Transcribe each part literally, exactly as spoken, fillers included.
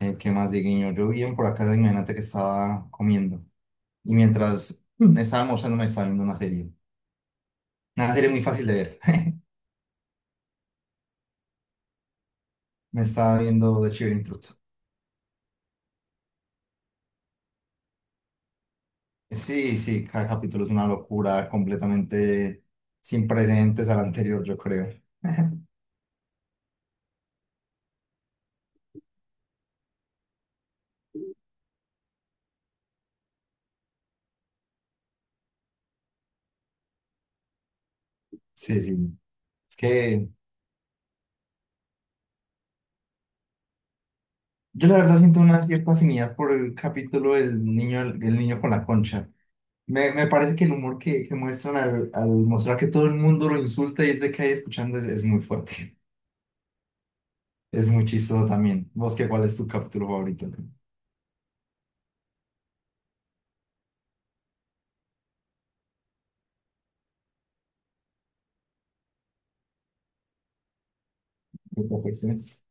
Eh, ¿Qué más, Dieguiño? Yo bien por acá, imagínate que estaba comiendo. Y mientras mm, estaba almorzando, me estaba viendo una serie. Una serie muy fácil de ver. Me estaba viendo The Shivering Truth. Sí, sí, cada capítulo es una locura completamente sin precedentes al anterior, yo creo. Sí, sí. Es que yo la verdad siento una cierta afinidad por el capítulo del niño, el, niño con la concha. Me, me parece que el humor que, que muestran al, al mostrar que todo el mundo lo insulta y es de que ahí escuchando es, es muy fuerte. Es muy chistoso también. ¿Vos qué, cuál es tu capítulo favorito? ¿De Perfecciones?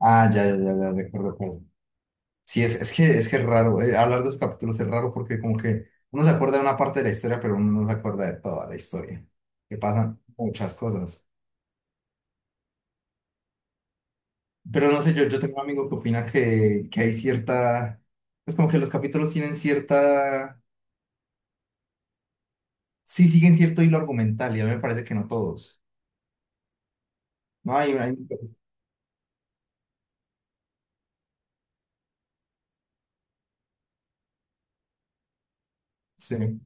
Ah, ya, ya, ya, ya, recuerdo cuál. Sí, es, es que es que es raro. Eh, hablar de los capítulos es raro porque como que uno se acuerda de una parte de la historia, pero uno no se acuerda de toda la historia. Que pasan muchas cosas. Pero no sé, yo, yo tengo un amigo que opina que, que hay cierta… Es como que los capítulos tienen cierta… Sí, siguen cierto hilo argumental y a mí me parece que no todos. No hay… hay… Sí.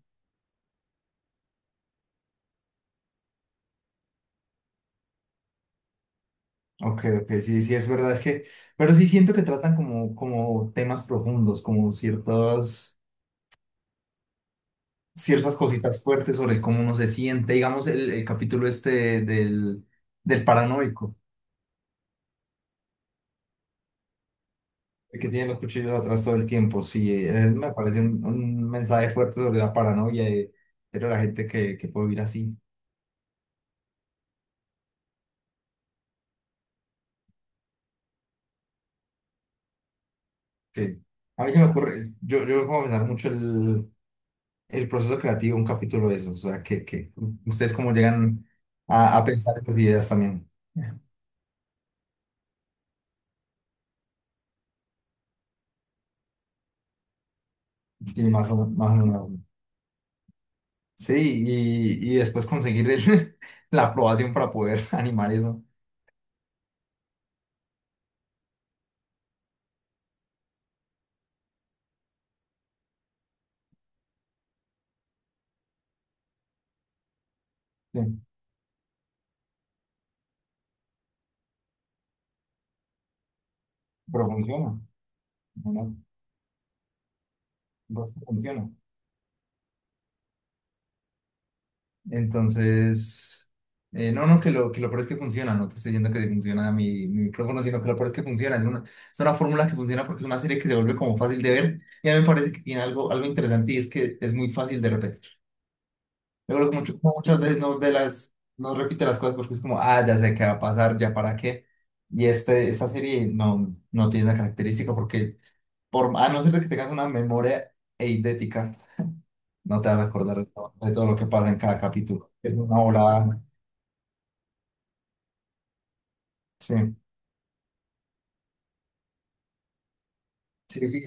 Ok, ok, sí, sí, es verdad, es que, pero sí siento que tratan como, como temas profundos, como ciertas, ciertas cositas fuertes sobre cómo uno se siente, digamos, el, el capítulo este del, del paranoico, el que tiene los cuchillos atrás todo el tiempo, sí, eh, me parece un, un mensaje fuerte sobre la paranoia de, de la gente que, que puede vivir así, que a mí se me ocurre, yo, yo voy a pensar mucho el, el proceso creativo, un capítulo de eso. O sea, que, que ustedes cómo llegan a, a pensar esas ideas también. Sí, más o, más o menos. Sí, y, y después conseguir el- la aprobación para poder animar eso. Sí, pero funciona, ¿verdad? Basta, funciona. Entonces, eh, no, no, que lo, que lo peor es que funciona, no te estoy diciendo que funciona mi, mi micrófono, sino que lo peor es que funciona. Es una, es una fórmula que funciona porque es una serie que se vuelve como fácil de ver. Y a mí me parece que tiene algo, algo interesante y es que es muy fácil de repetir. Yo creo que mucho- como muchas veces no ve las, no repite las cosas porque es como, ah, ya sé qué va a pasar, ya para qué. Y este, esta serie no, no tiene esa característica porque, por, a no ser de que tengas una memoria eidética, no te vas a acordar de todo, de todo lo que pasa en cada capítulo. Es una volada. Sí, sí, sí.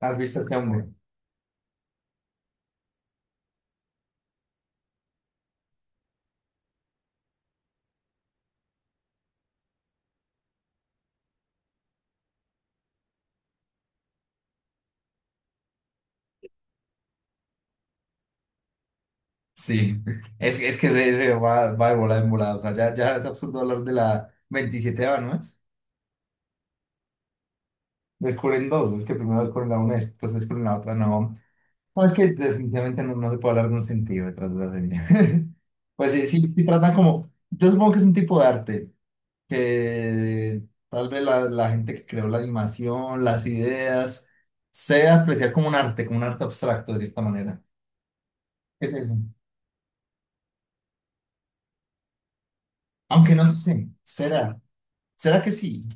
¿Has visto este hombre? Sí. Es, es que se, se va, va de volada en volada. O sea, ya, ya es absurdo hablar de la veintisiete ¿no es? Descubren dos. Es que primero descubren la una, después descubren la otra, no. No, es que definitivamente no, no se puede hablar de un sentido detrás de la serie. Pues sí, sí, sí tratan como, yo supongo que es un tipo de arte, que tal vez la, la gente que creó la animación, las ideas, se apreciar como un arte, como un arte abstracto de cierta manera. ¿Qué es eso? Aunque no sé, ¿será? ¿Será que sí?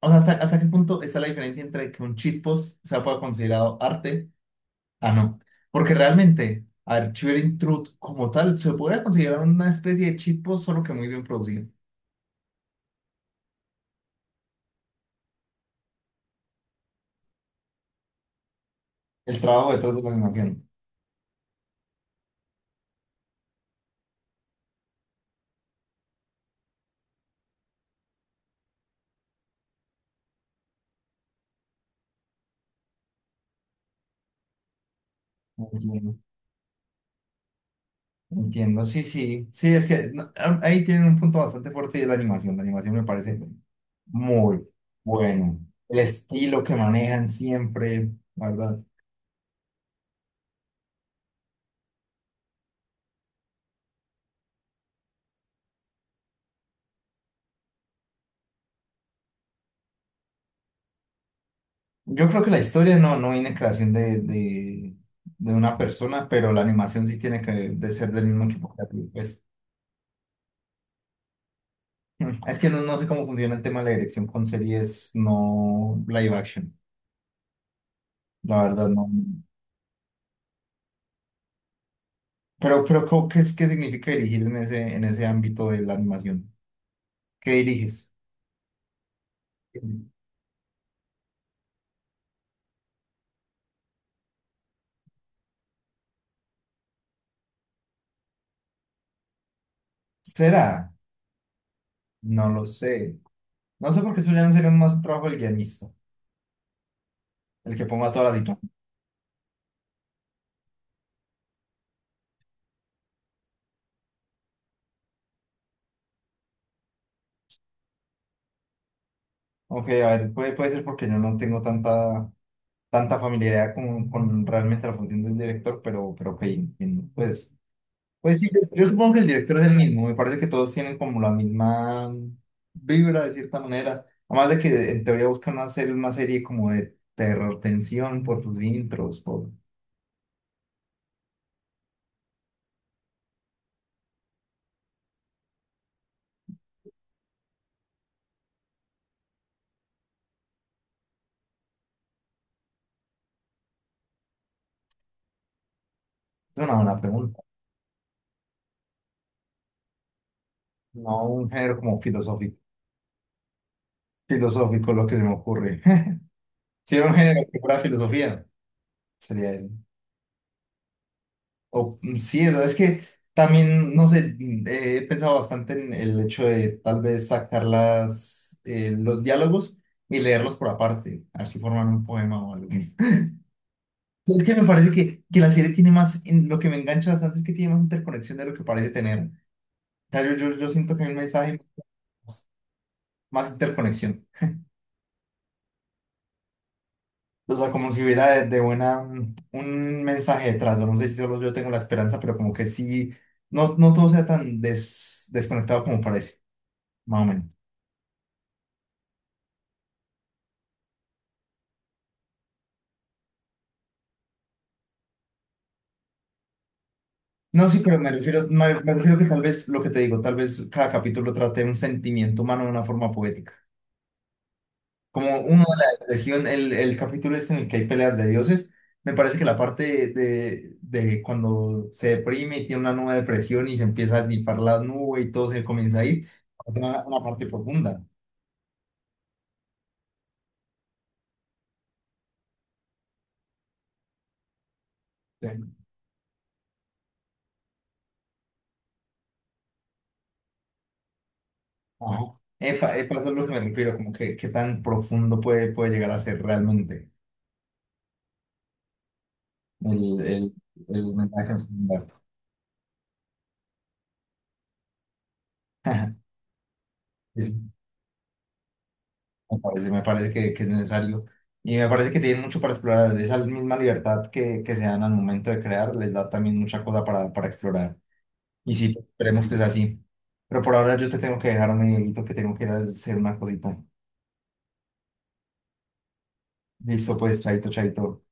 O sea, ¿hasta, hasta qué punto está la diferencia entre que un cheat post sea pueda considerado arte? Ah, no. Porque realmente, a ver, Cheer Truth como tal se podría considerar una especie de cheat post, solo que muy bien producido. El trabajo detrás de la animación. Entiendo. Entiendo, sí, sí. Sí, es que no, ah, ahí tienen un punto bastante fuerte y es la animación. La animación me parece muy bueno. El estilo que manejan siempre, la ¿verdad? Yo creo que la historia no, no viene en creación de, de, de una persona, pero la animación sí tiene que de ser del mismo equipo creativo, pues. Mm, Es que no, no sé cómo funciona el tema de la dirección con series no live action, la verdad no. Pero, pero ¿cómo- ¿qué es, qué significa dirigir en ese, en ese ámbito de la animación? ¿Qué diriges? ¿Será? No lo sé. No sé por qué eso ya no sería más un trabajo del guionista, el que ponga toda la dinámica. Ok, a ver, puede, puede ser porque yo no tengo tanta, tanta familiaridad con, con realmente la función del director, pero, pero ok, entiendo. Pues Pues sí, yo, yo supongo que el director es el mismo, me parece que todos tienen como la misma vibra de cierta manera, además de que en teoría buscan hacer una serie como de terror, tensión por sus intros, por… Es una buena pregunta, no un género como filosófico, filosófico lo que se me ocurre. Si era un género que fuera filosofía, sería eso. O, mm, sí, o sea, es que también, no sé, mm, eh, he pensado bastante en el hecho de tal vez sacar las, eh, los diálogos y leerlos por aparte, así formar un poema o algo. Pues Es que me parece que, que la serie tiene más, en- lo que me engancha bastante es que tiene más interconexión de lo que parece tener. O sea, yo, yo, yo siento que hay un mensaje más, más interconexión. O sea, como si hubiera de, de buena mm, un mensaje detrás. No sé si solo yo tengo la esperanza, pero como que sí, no, no todo sea tan des- desconectado como parece. Más o menos. No, sí, pero me refiero, me, me refiero que tal vez lo que te digo, tal vez cada capítulo trate un sentimiento humano de una forma poética. Como uno de la depresión, el, el capítulo este en el que hay peleas de dioses, me parece que la parte de, de cuando se deprime y tiene una nueva depresión y se empieza a esnifar la nube y todo se comienza a ir, tiene una, una parte profunda. Sí. Ajá. Epa, epa, eso es lo que me refiero, como que qué tan profundo puede, puede llegar a ser realmente el, el, el mensaje. Sí. Sí. Me parece, me parece que, que es necesario. Y me parece que tienen mucho para explorar. Esa misma libertad que, que se dan al momento de crear les da también mucha cosa para, para explorar. Y sí, esperemos que sea así. Pero por ahora yo te tengo que dejar un medidito que tengo que ir a hacer una cosita. Listo, pues, chaito, chaito.